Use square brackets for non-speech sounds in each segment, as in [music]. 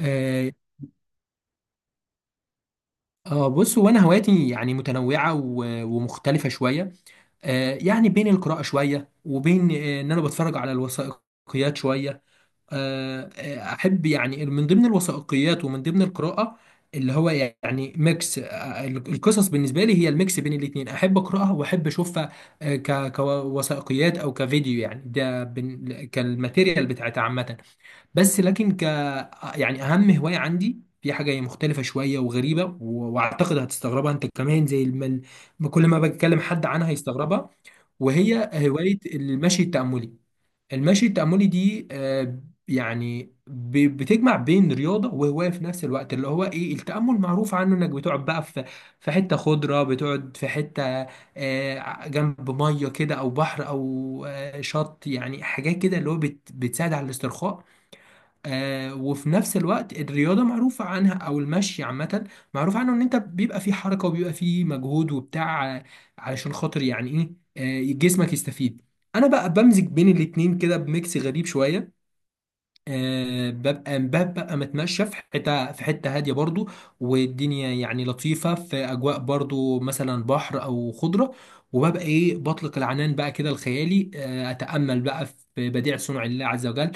آه بص هو انا هواياتي يعني متنوعه ومختلفه شويه. يعني بين القراءه شويه وبين ان انا بتفرج على الوثائقيات شويه. احب يعني من ضمن الوثائقيات ومن ضمن القراءه، اللي هو يعني ميكس، القصص بالنسبه لي هي الميكس بين الاثنين، احب اقراها واحب اشوفها، كوثائقيات او كفيديو، يعني ده كالماتيريال بتاعتها عامه. بس لكن يعني اهم هوايه عندي في حاجه مختلفه شويه وغريبه واعتقد هتستغربها انت كمان. كل ما بكلم حد عنها هيستغربها. وهي هوايه المشي التاملي. المشي التاملي دي، يعني بتجمع بين رياضه وهوايه في نفس الوقت، اللي هو ايه، التامل معروف عنه انك بتقعد بقى في حته خضره، بتقعد في حته، جنب ميه كده او بحر او شط، يعني حاجات كده اللي هو بتساعد على الاسترخاء. وفي نفس الوقت الرياضة معروفة عنها أو المشي عامة معروف عنه إن أنت بيبقى فيه حركة وبيبقى فيه مجهود وبتاع، علشان خاطر يعني إيه جسمك يستفيد. أنا بقى بمزج بين الاتنين كده بميكس غريب شوية، ببقى متمشى في حته هاديه برضو، والدنيا يعني لطيفه في اجواء برضو مثلا بحر او خضره، وببقى ايه بطلق العنان بقى كده الخيالي، اتامل بقى في بديع صنع الله عز وجل،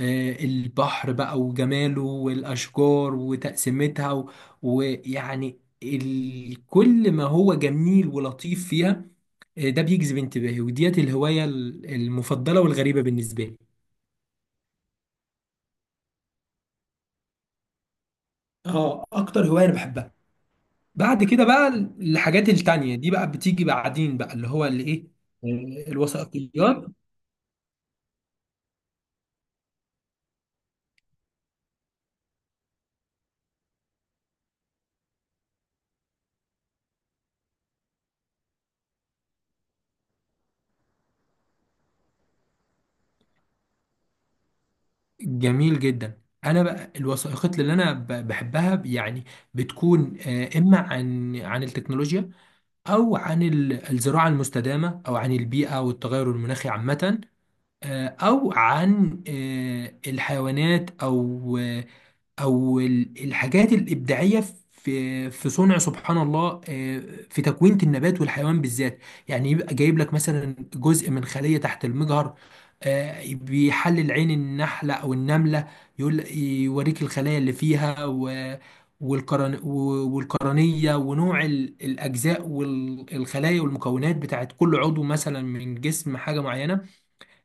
البحر بقى وجماله والاشجار وتقسيمتها، ويعني كل ما هو جميل ولطيف فيها، ده بيجذب انتباهي، وديت الهوايه المفضله والغريبه بالنسبه لي. اه، اكتر هوايه انا بحبها. بعد كده بقى الحاجات التانية دي بقى بتيجي بعدين بقى، اللي هو اللي ايه، الوثائقيات. جميل جدا. انا بقى الوثائقيات اللي انا بحبها، يعني بتكون، اما عن التكنولوجيا، او عن الزراعة المستدامة، او عن البيئة والتغير المناخي عامة، او عن الحيوانات، او او الحاجات الابداعيه في صنع سبحان الله، في تكوينه النبات والحيوان بالذات. يعني يبقى جايب لك مثلا جزء من خليه تحت المجهر، بيحلل عين النحله او النمله، يقول يوريك الخلايا اللي فيها والقرن والقرنيه ونوع الاجزاء والخلايا والمكونات بتاعت كل عضو مثلا من جسم حاجه معينه.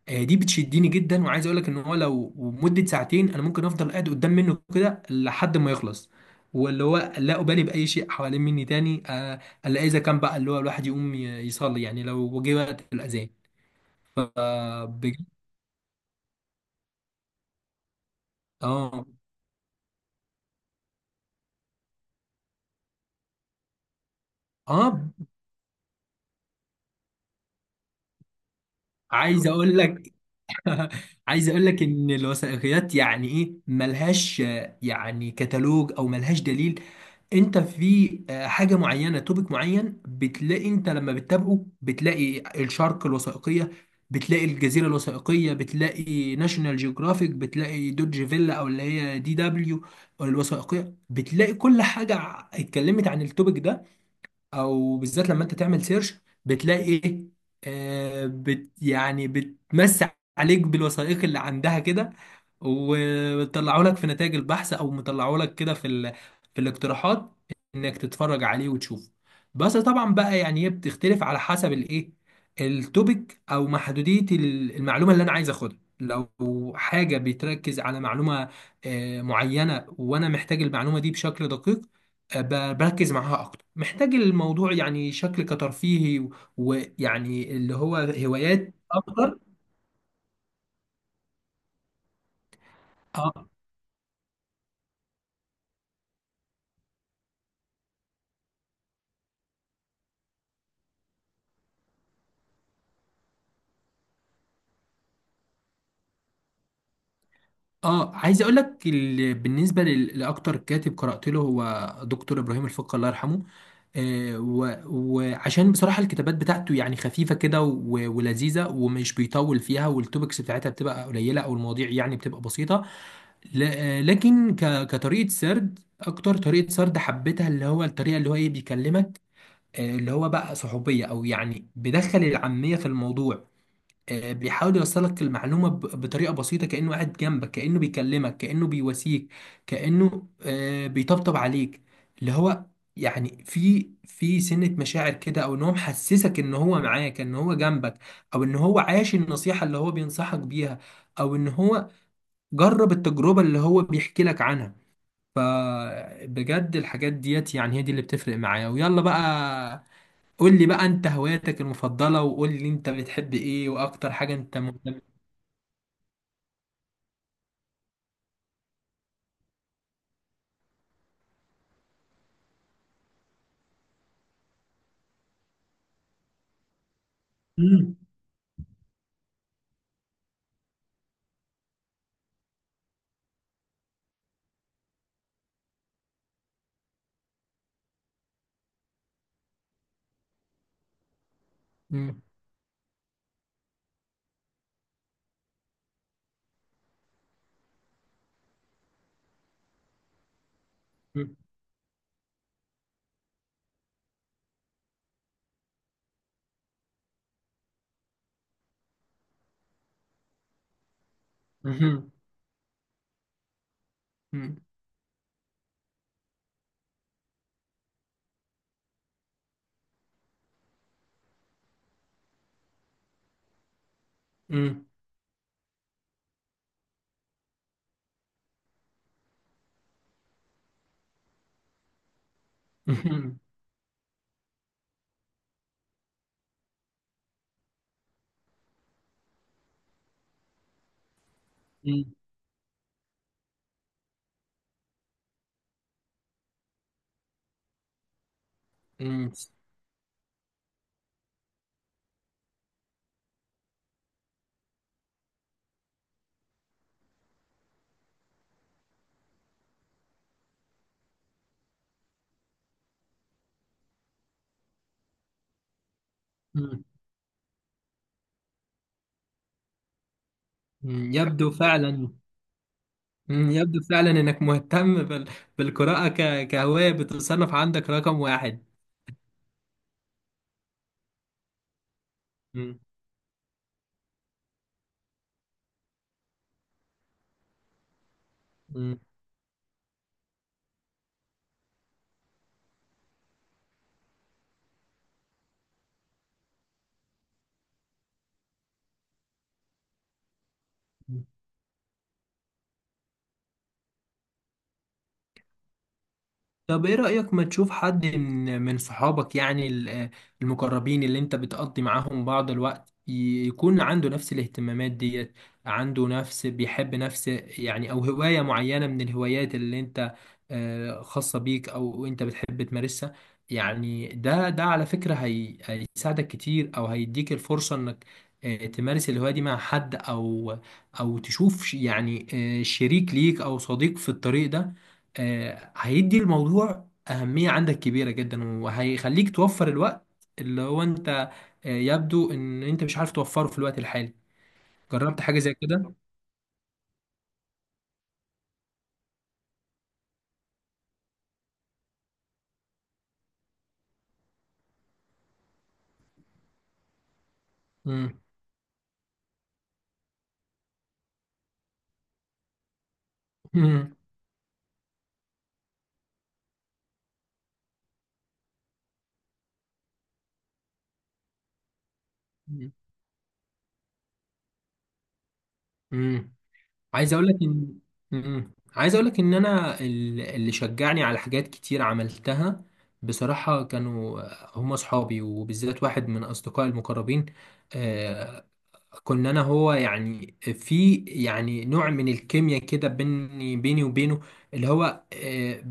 دي بتشدني جدا، وعايز اقول لك ان هو لو مدة ساعتين انا ممكن افضل قاعد قدام منه كده لحد ما يخلص، واللي هو لا ابالي باي شيء حوالين مني تاني، الا اذا كان بقى اللي هو الواحد يقوم يصلي، يعني لو جه وقت الاذان. ف بج- اه، اه، عايز اقول لك [laughs] عايز اقول لك ان الوثائقيات يعني ايه ملهاش، يعني كتالوج او ملهاش دليل. انت في، حاجه معينه، توبيك معين، بتلاقي انت لما بتتابعه بتلاقي الشارك الوثائقيه، بتلاقي الجزيره الوثائقيه، بتلاقي ناشونال جيوغرافيك، بتلاقي دوج فيلا او اللي هي DW الوثائقيه، بتلاقي كل حاجه اتكلمت عن التوبيك ده، او بالذات لما انت تعمل سيرش، بتلاقي ايه، آه بت يعني بتمسح عليك بالوثائق اللي عندها كده، وطلعوا لك في نتائج البحث او مطلعوا لك كده في في الاقتراحات انك تتفرج عليه وتشوفه. بس طبعا بقى يعني هي بتختلف على حسب الايه، التوبيك او محدودية المعلومة اللي انا عايز اخدها. لو حاجة بتركز على معلومة، معينة، وانا محتاج المعلومة دي بشكل دقيق، بركز معاها اكتر. محتاج الموضوع يعني شكل كترفيهي ويعني اللي هو هوايات اكتر. آه. اه، عايز اقول لك بالنسبه لاكتر كاتب قرات له، هو دكتور ابراهيم الفقي الله يرحمه، وعشان بصراحة الكتابات بتاعته يعني خفيفة كده ولذيذة، ومش بيطول فيها، والتوبكس بتاعتها بتبقى قليلة، أو المواضيع يعني بتبقى بسيطة. لكن كطريقة سرد، أكتر طريقة سرد حبيتها اللي هو الطريقة اللي هو إيه بيكلمك، اللي هو بقى صحوبية، أو يعني بيدخل العامية في الموضوع، بيحاول يوصلك المعلومة بطريقة بسيطة، كأنه قاعد جنبك، كأنه بيكلمك، كأنه بيواسيك، كأنه بيطبطب عليك، اللي هو يعني في سنة مشاعر كده، او ان هو محسسك ان هو معاك ان هو جنبك، او ان هو عاش النصيحة اللي هو بينصحك بيها، او ان هو جرب التجربة اللي هو بيحكي لك عنها. فبجد الحاجات ديت يعني هي دي اللي بتفرق معايا. ويلا بقى، قول لي بقى انت هواياتك المفضلة، وقول لي انت بتحب ايه واكتر حاجة انت مهتم. [laughs] مم. مم. مم. مم. مم. مم. مم. مم. مم. مم. يبدو فعلا [laughs] مم. يبدو فعلا انك مهتم بالقراءة كهواية، بتصنف عندك رقم واحد. [laughs] مم. مم. طب ايه رأيك ما تشوف حد من صحابك، يعني المقربين اللي انت بتقضي معاهم بعض الوقت، يكون عنده نفس الاهتمامات ديت، عنده نفس، بيحب نفس، يعني او هواية معينة من الهوايات اللي انت، خاصة بيك او انت بتحب تمارسها. يعني ده ده على فكرة هي هيساعدك كتير، او هيديك الفرصة انك، تمارس الهواية دي مع حد، او او تشوف يعني، شريك ليك او صديق في الطريق ده، هيدي الموضوع أهمية عندك كبيرة جدا، وهيخليك توفر الوقت اللي هو أنت، يبدو إن أنت مش عارف توفره في الوقت الحالي. جربت حاجة زي كده؟ مم. مم. مم. عايز أقول لك إن مم. عايز أقول لك إن أنا اللي شجعني على حاجات كتير عملتها بصراحة كانوا هم أصحابي، وبالذات واحد من أصدقائي المقربين، آه، كنا انا هو يعني في يعني نوع من الكيمياء كده بيني وبينه، اللي هو،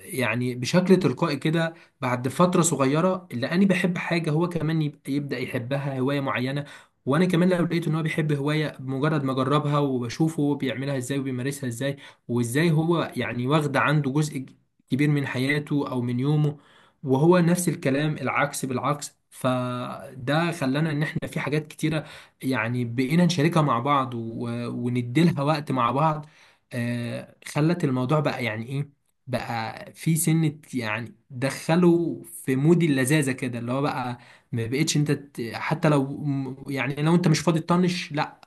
يعني بشكل تلقائي كده، بعد فترة صغيرة اللي انا بحب حاجة هو كمان يبدأ يحبها، هواية معينة. وانا كمان لو لقيت ان هو بيحب هواية بمجرد ما اجربها وبشوفه هو بيعملها ازاي وبيمارسها ازاي وازاي هو يعني واخدة عنده جزء كبير من حياته او من يومه، وهو نفس الكلام العكس بالعكس. فده خلانا ان احنا في حاجات كتيرة يعني بقينا نشاركها مع بعض، ونديلها وقت مع بعض، خلت الموضوع بقى يعني ايه، بقى في سنة يعني دخله في مود اللذاذة كده، اللي هو بقى ما بقتش انت حتى لو يعني لو انت مش فاضي تطنش، لا.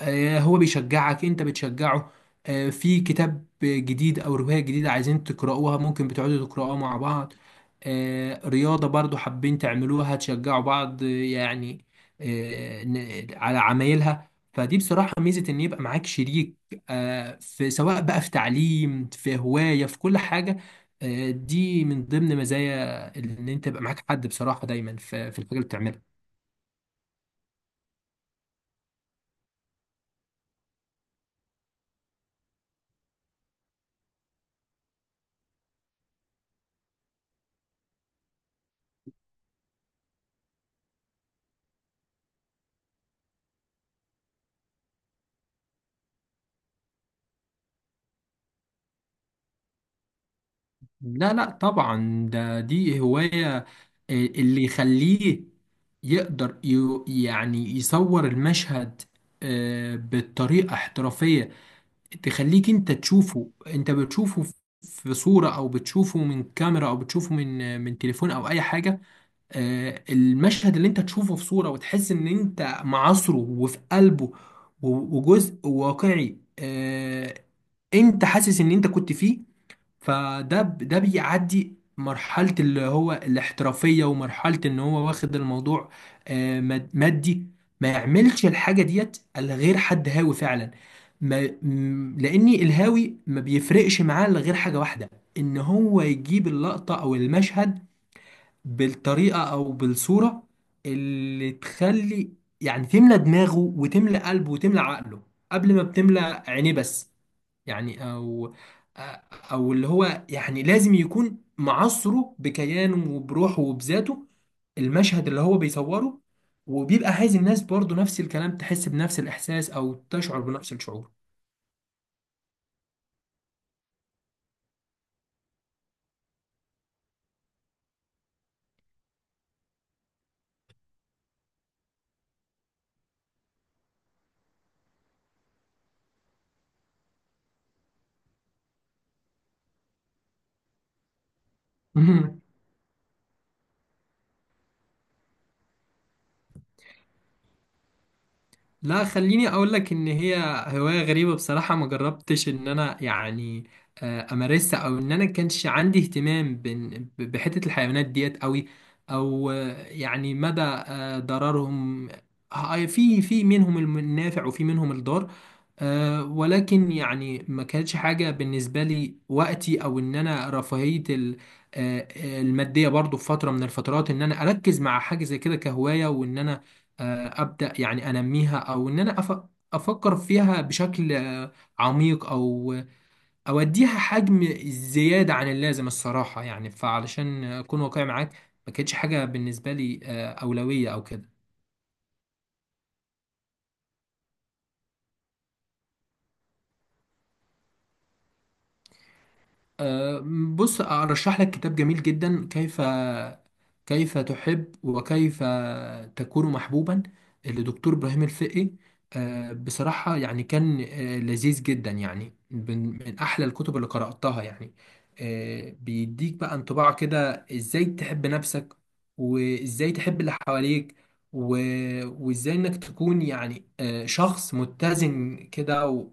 هو بيشجعك، انت بتشجعه، في كتاب جديد او رواية جديدة عايزين تقرأوها ممكن بتقعدوا تقرأوها مع بعض، رياضة برضو حابين تعملوها تشجعوا بعض يعني، على عمايلها. فدي بصراحة ميزة ان يبقى معاك شريك، في سواء بقى في تعليم في هواية في كل حاجة. دي من ضمن مزايا ان انت يبقى معاك حد بصراحة دايما في الحاجة اللي بتعملها. لا لا طبعا، دي هواية، اللي يخليه يقدر يعني يصور المشهد، بطريقة احترافية، تخليك انت تشوفه، انت بتشوفه في صورة، او بتشوفه من كاميرا، او بتشوفه من تليفون او اي حاجة، المشهد اللي انت تشوفه في صورة وتحس ان انت معاصره، وفي قلبه وجزء واقعي، انت حاسس ان انت كنت فيه. فده بيعدي مرحلة اللي هو الاحترافية، ومرحلة ان هو واخد الموضوع، مادي. ما يعملش الحاجة ديت الا غير حد هاوي فعلا، ما م- لاني الهاوي ما بيفرقش معاه الا غير حاجة واحدة، ان هو يجيب اللقطة او المشهد بالطريقة او بالصورة اللي تخلي يعني تملى دماغه وتملى قلبه وتملى عقله قبل ما بتملى عينيه بس. يعني، او اللي هو يعني لازم يكون معصره بكيانه وبروحه وبذاته، المشهد اللي هو بيصوره، وبيبقى عايز الناس برضو نفس الكلام تحس بنفس الاحساس او تشعر بنفس الشعور. [laughs] لا، خليني اقول لك ان هي هواية غريبة. بصراحة ما جربتش ان انا يعني، امارسها، او ان انا كانش عندي اهتمام بحتة الحيوانات ديت قوي، او يعني مدى ضررهم، في منهم النافع، وفي منهم الضار، ولكن يعني ما كانتش حاجة بالنسبة لي وقتي، او ان انا رفاهية المادية برضو، في فترة من الفترات ان انا اركز مع حاجة زي كده كهواية وان انا، ابدا يعني انميها، او ان انا افكر فيها بشكل، عميق، او اوديها حجم زياده عن اللازم الصراحه يعني. فعلشان اكون واقعي معاك، ما كانتش حاجه بالنسبه لي اولويه او كده. أه، بص أرشح لك كتاب جميل جدا، كيف تحب وكيف تكون محبوبا، لدكتور إبراهيم الفقي. بصراحة يعني كان لذيذ جدا. يعني من أحلى الكتب اللي قرأتها، يعني بيديك بقى انطباع كده إزاي تحب نفسك، وإزاي تحب اللي حواليك، و- وإزاي إنك تكون يعني شخص متزن كده